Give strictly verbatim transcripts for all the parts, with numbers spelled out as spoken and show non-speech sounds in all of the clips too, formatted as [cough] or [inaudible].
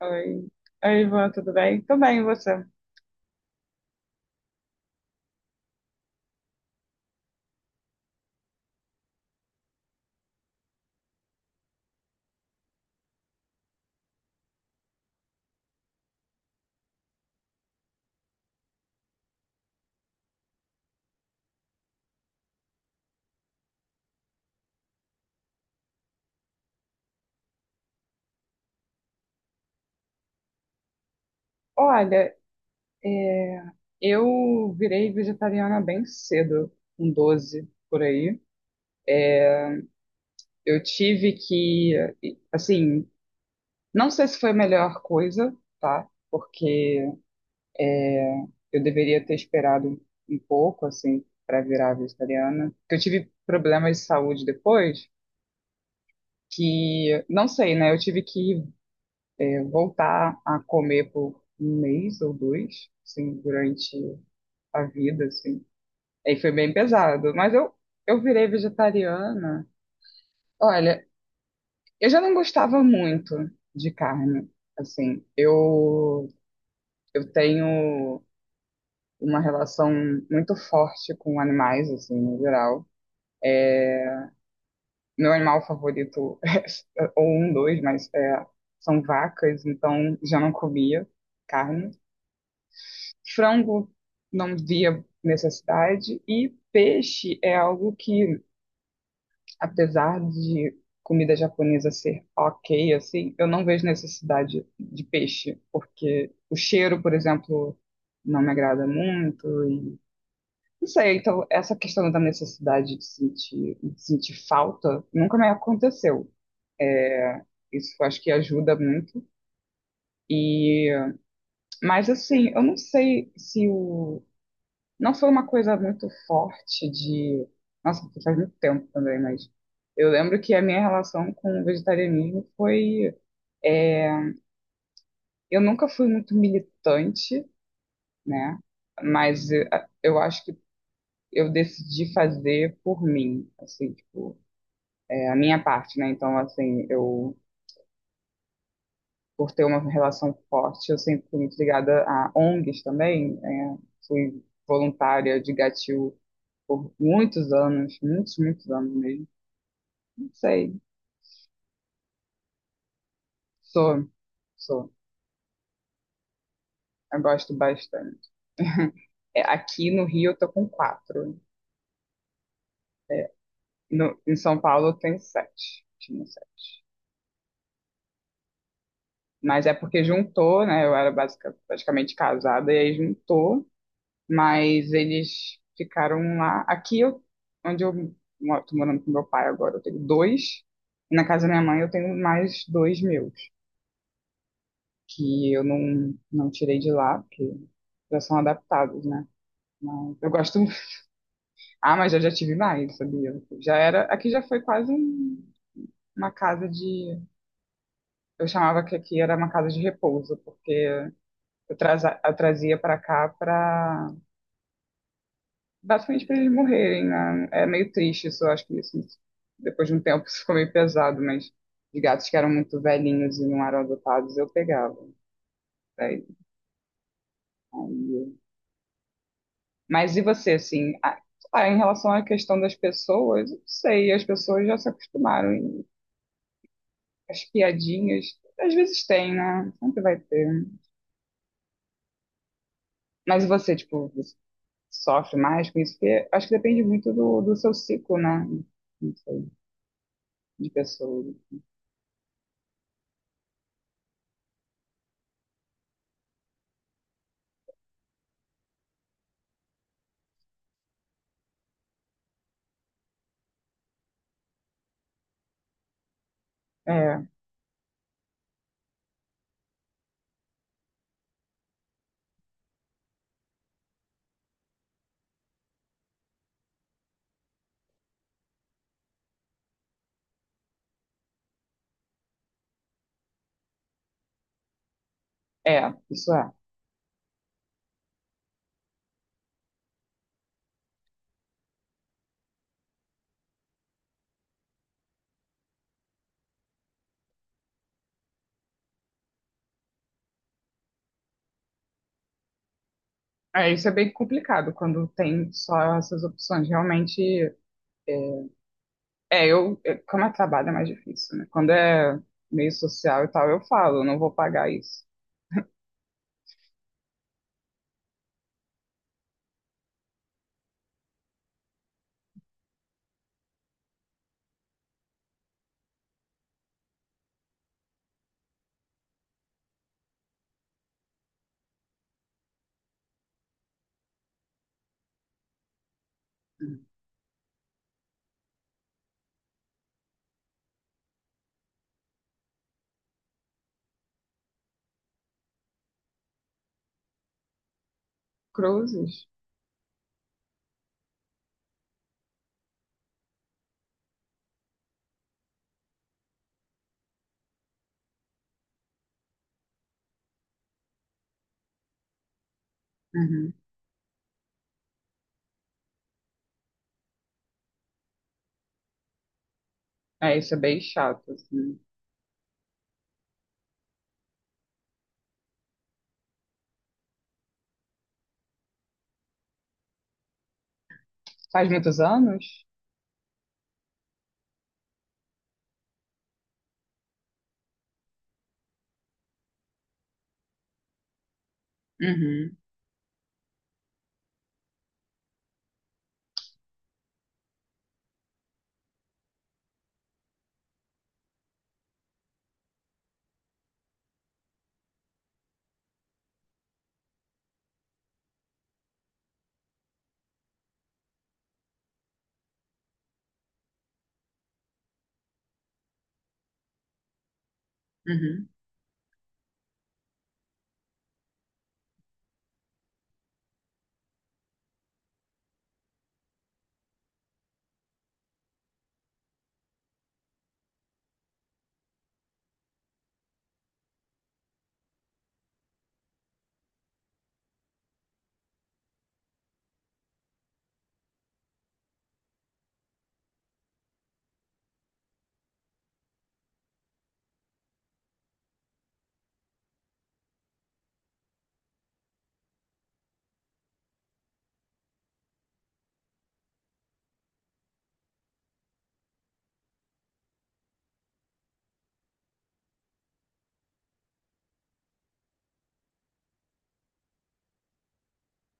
Oi. Oi, Ivan, tudo bem? Tudo bem, e você? Olha, eu virei vegetariana bem cedo, com doze por aí. Eu tive que, assim, não sei se foi a melhor coisa, tá? Porque eu deveria ter esperado um pouco, assim, para virar vegetariana. Porque eu tive problemas de saúde depois, que, não sei, né? Eu tive que, é, voltar a comer por um mês ou dois, assim, durante a vida, assim. Aí foi bem pesado. Mas eu, eu virei vegetariana. Olha, eu já não gostava muito de carne. Assim, eu, eu tenho uma relação muito forte com animais, assim, no geral. Meu animal favorito [laughs] é, ou um, dois, mas é, são vacas, então já não comia carne. Frango não via necessidade. E peixe é algo que, apesar de comida japonesa ser ok, assim, eu não vejo necessidade de peixe, porque o cheiro, por exemplo, não me agrada muito. E não sei, então essa questão da necessidade de sentir, de sentir falta nunca me aconteceu. É, isso eu acho que ajuda muito. E mas assim, eu não sei se o não foi uma coisa muito forte de. Nossa, porque faz muito tempo também, mas eu lembro que a minha relação com o vegetarianismo foi. Eu nunca fui muito militante, né? Mas eh, a- eu acho que eu decidi fazer por mim, assim, tipo, é, a minha parte, né? Então, assim, eu, por ter uma relação forte, eu sempre fui muito ligada a O N Gs também, é, fui voluntária de Gatil por muitos anos, muitos, muitos anos mesmo, não sei. Sou, sou. Eu gosto bastante. [laughs] É, aqui no Rio eu tô com quatro. É, no, em São Paulo eu tenho sete. Tinha sete. Mas é porque juntou, né? Eu era basica- praticamente casada e aí juntou. Mas eles ficaram lá. Aqui eu, onde eu moro, tô morando com meu pai agora, eu tenho dois. E na casa da minha mãe eu tenho mais dois meus, que eu não, não tirei de lá, porque já são adaptados, né? Mas eu gosto. Ah, mas eu já tive mais, sabia? Já era. Aqui já foi quase um- uma casa de. Eu chamava que aqui era uma casa de repouso, porque eu, traza- eu trazia pra cá pra. Basicamente pra eles morrerem, né? É meio triste isso, eu acho que isso. Depois de um tempo [laughs] isso ficou meio pesado, mas de gatos que eram muito velhinhos e não eram adotados, eu pegava. Daí- aí- Mas e você, assim? A- ah, em relação à questão das pessoas, eu não sei, as pessoas já se acostumaram. As piadinhas. Às vezes tem, né? Sempre vai ter. Mas você, tipo, você sofre mais com isso? Porque acho que depende muito do, do seu ciclo, né? Não sei, de pessoa. É, é, isso é. É, isso é bem complicado quando tem só essas opções. Realmente, é, é, eu, é, como é trabalho é mais difícil, né? Quando é meio social e tal, eu falo, eu não vou pagar isso. Uhum. Cruzes? Uhum. É, isso é bem chato, assim. Faz muitos anos? Uhum, uhum.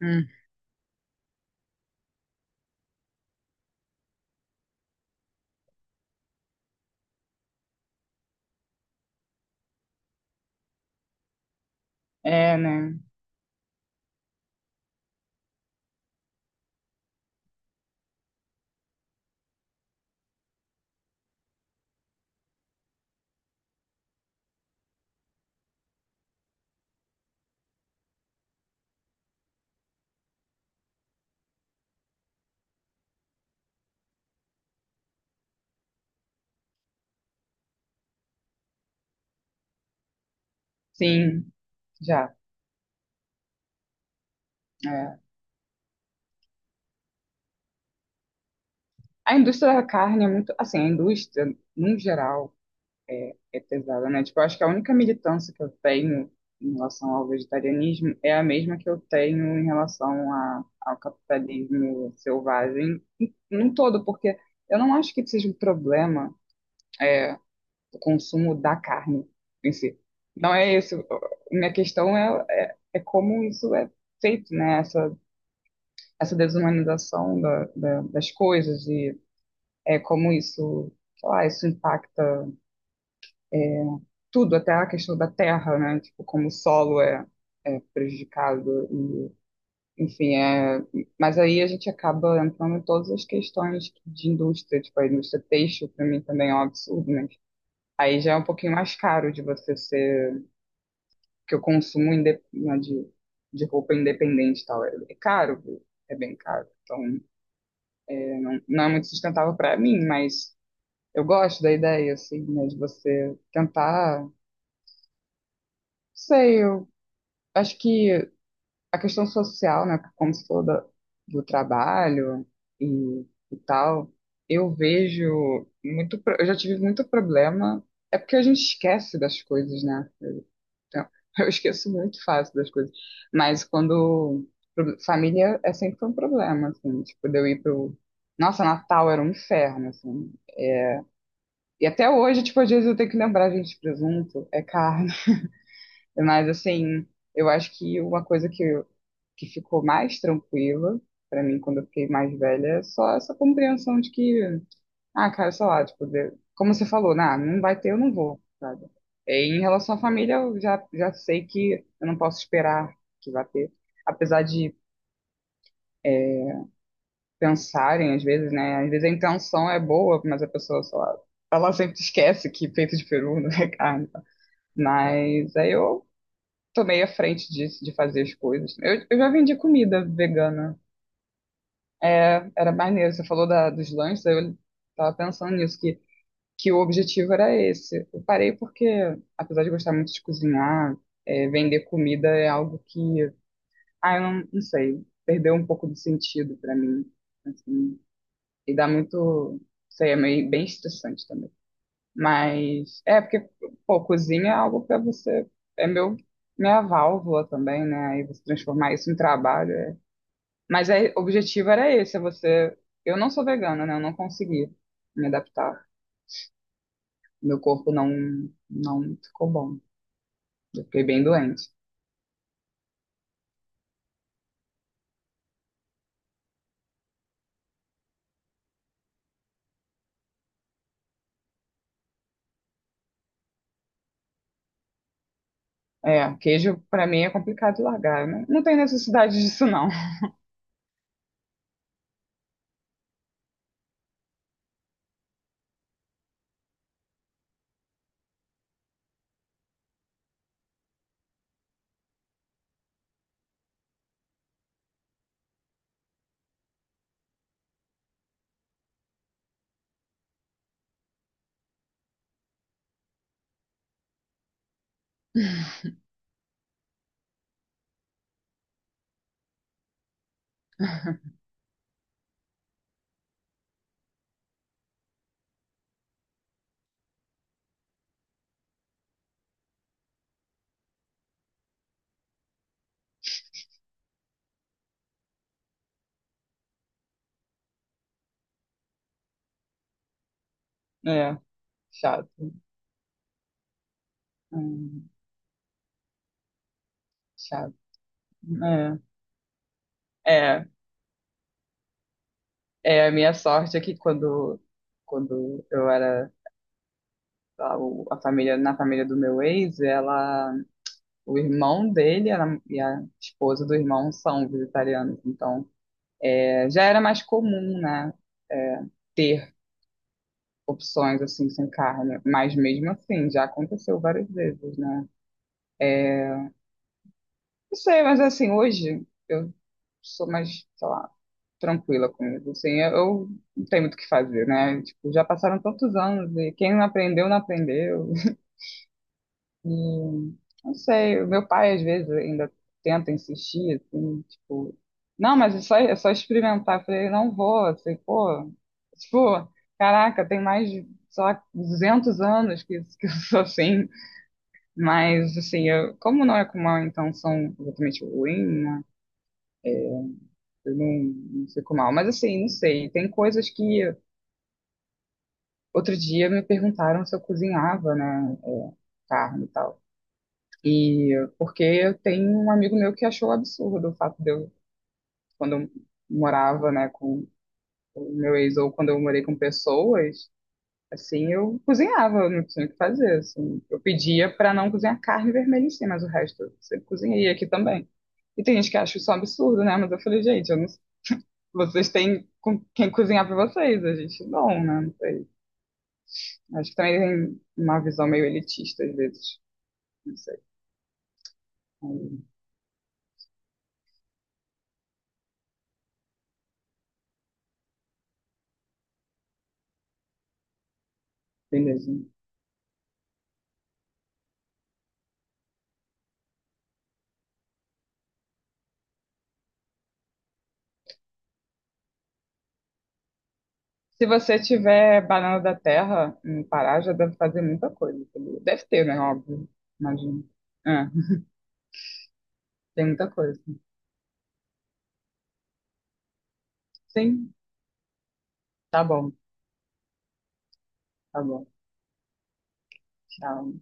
Uhum. É, né? Sim, já. É. A indústria da carne é muito. Assim, a indústria, num geral, é, é pesada, né? Tipo, eu acho que a única militância que eu tenho em relação ao vegetarianismo é a mesma que eu tenho em relação a, ao capitalismo selvagem, em- num todo, porque eu não acho que seja um problema, é, o consumo da carne em si. Não é isso. Minha questão é, é, é como isso é feito, né? Essa desumanização da, da, das coisas e é, como isso, sei lá, isso impacta tudo, até a questão da terra, né? Tipo, como o solo é, é prejudicado e, enfim, é... Mas aí a gente acaba entrando em todas as questões de indústria, tipo, a indústria têxtil para mim também é um absurdo, né, aí já é um pouquinho mais caro de você ser... Que eu consumo inde... né, de, de roupa independente e tal, é, é caro, é bem caro. Então, não é muito sustentável para mim, mas eu gosto da ideia, assim, né, de você tentar, não sei, eu acho que a questão social, né, como se falou da- do trabalho e, e tal, eu vejo muito, pro- eu já tive muito problema, é porque a gente esquece das coisas, né? Então, [laughs] eu esqueço muito fácil das coisas, mas quando pro- família é sempre um problema, assim, tipo, de eu ir pro, nossa, Natal era um inferno, assim. E até hoje, tipo, às vezes eu tenho que lembrar, gente, presunto é caro. Mas, assim, eu acho que uma coisa que, eu- que ficou mais tranquila pra mim quando eu fiquei mais velha é só essa compreensão de que, ah, cara, sei lá, tipo, de- como você falou, nah, não vai ter, eu não vou, sabe? Em relação à família, eu já, já sei que eu não posso esperar que vá ter. Apesar de pensarem, às vezes, né? Às vezes a intenção é boa, mas a pessoa, sei lá, ela sempre esquece que peito de peru não é carne. Tá? Mas aí eu tomei a frente disso, de fazer as coisas. Eu, eu já vendi comida vegana. É, era maneiro. Você falou da, dos lanches, aí eu tava pensando nisso, que, que o objetivo era esse. Eu parei porque, apesar de gostar muito de cozinhar, é, vender comida é algo que, ah, eu não, não sei, perdeu um pouco do sentido para mim. Assim. E dá muito, sei, é meio, bem estressante também. Mas é porque, pô, cozinha é algo pra você. É meu, minha válvula também, né? Aí você transformar isso em trabalho. É. Mas aí, o objetivo era esse, é você. Eu não sou vegana, né? Eu não consegui me adaptar. Meu corpo não, não ficou bom. Eu fiquei bem doente. É, queijo pra mim é complicado de largar. Não, não tem necessidade disso, não. [laughs] É, chato. Hum, chato. É, é, é, a minha sorte é que quando, quando eu era a, o- a família, na família do meu ex, ela, o irmão dele era- e a esposa do irmão são vegetarianos. Então, é, já era mais comum, né, é, ter opções assim sem carne. Mas mesmo assim, já aconteceu várias vezes, né? Não sei, mas assim, hoje eu sou mais, sei lá, tranquila com isso. Assim, eu, eu não tenho muito o que fazer, né? Tipo, já passaram tantos anos e quem não aprendeu, não aprendeu. Hum, não sei, o meu pai às vezes ainda tenta insistir, assim, tipo, não, mas é só, é só experimentar. Eu falei, não vou, assim, pô, tipo, caraca, tem mais de, sei lá, duzentos anos que, que eu sou assim, mas assim, eu, como não é com mal intenção exatamente ruim, né? Eu não, não fico mal, mas assim, não sei, tem coisas que outro dia me perguntaram se eu cozinhava, né, é, carne e tal. E porque eu tenho um amigo meu que achou absurdo o fato de eu, quando eu morava, né, com o meu ex ou quando eu morei com pessoas, assim, eu cozinhava, eu não tinha o que fazer, assim. Eu pedia para não cozinhar carne vermelha em si, mas o resto eu sempre cozinhei aqui também. E tem gente que acha isso um absurdo, né? Mas eu falei, gente, eu não- vocês têm com quem cozinhar para vocês, a gente não, né? Não sei. Acho que também tem uma visão meio elitista às vezes, não sei. Aí, beleza. Se você tiver banana da terra no Pará, já deve fazer muita coisa. Entendeu? Deve ter, né? Óbvio. Imagino. É, tem muita coisa. Sim, tá bom, tá bom. Tchau.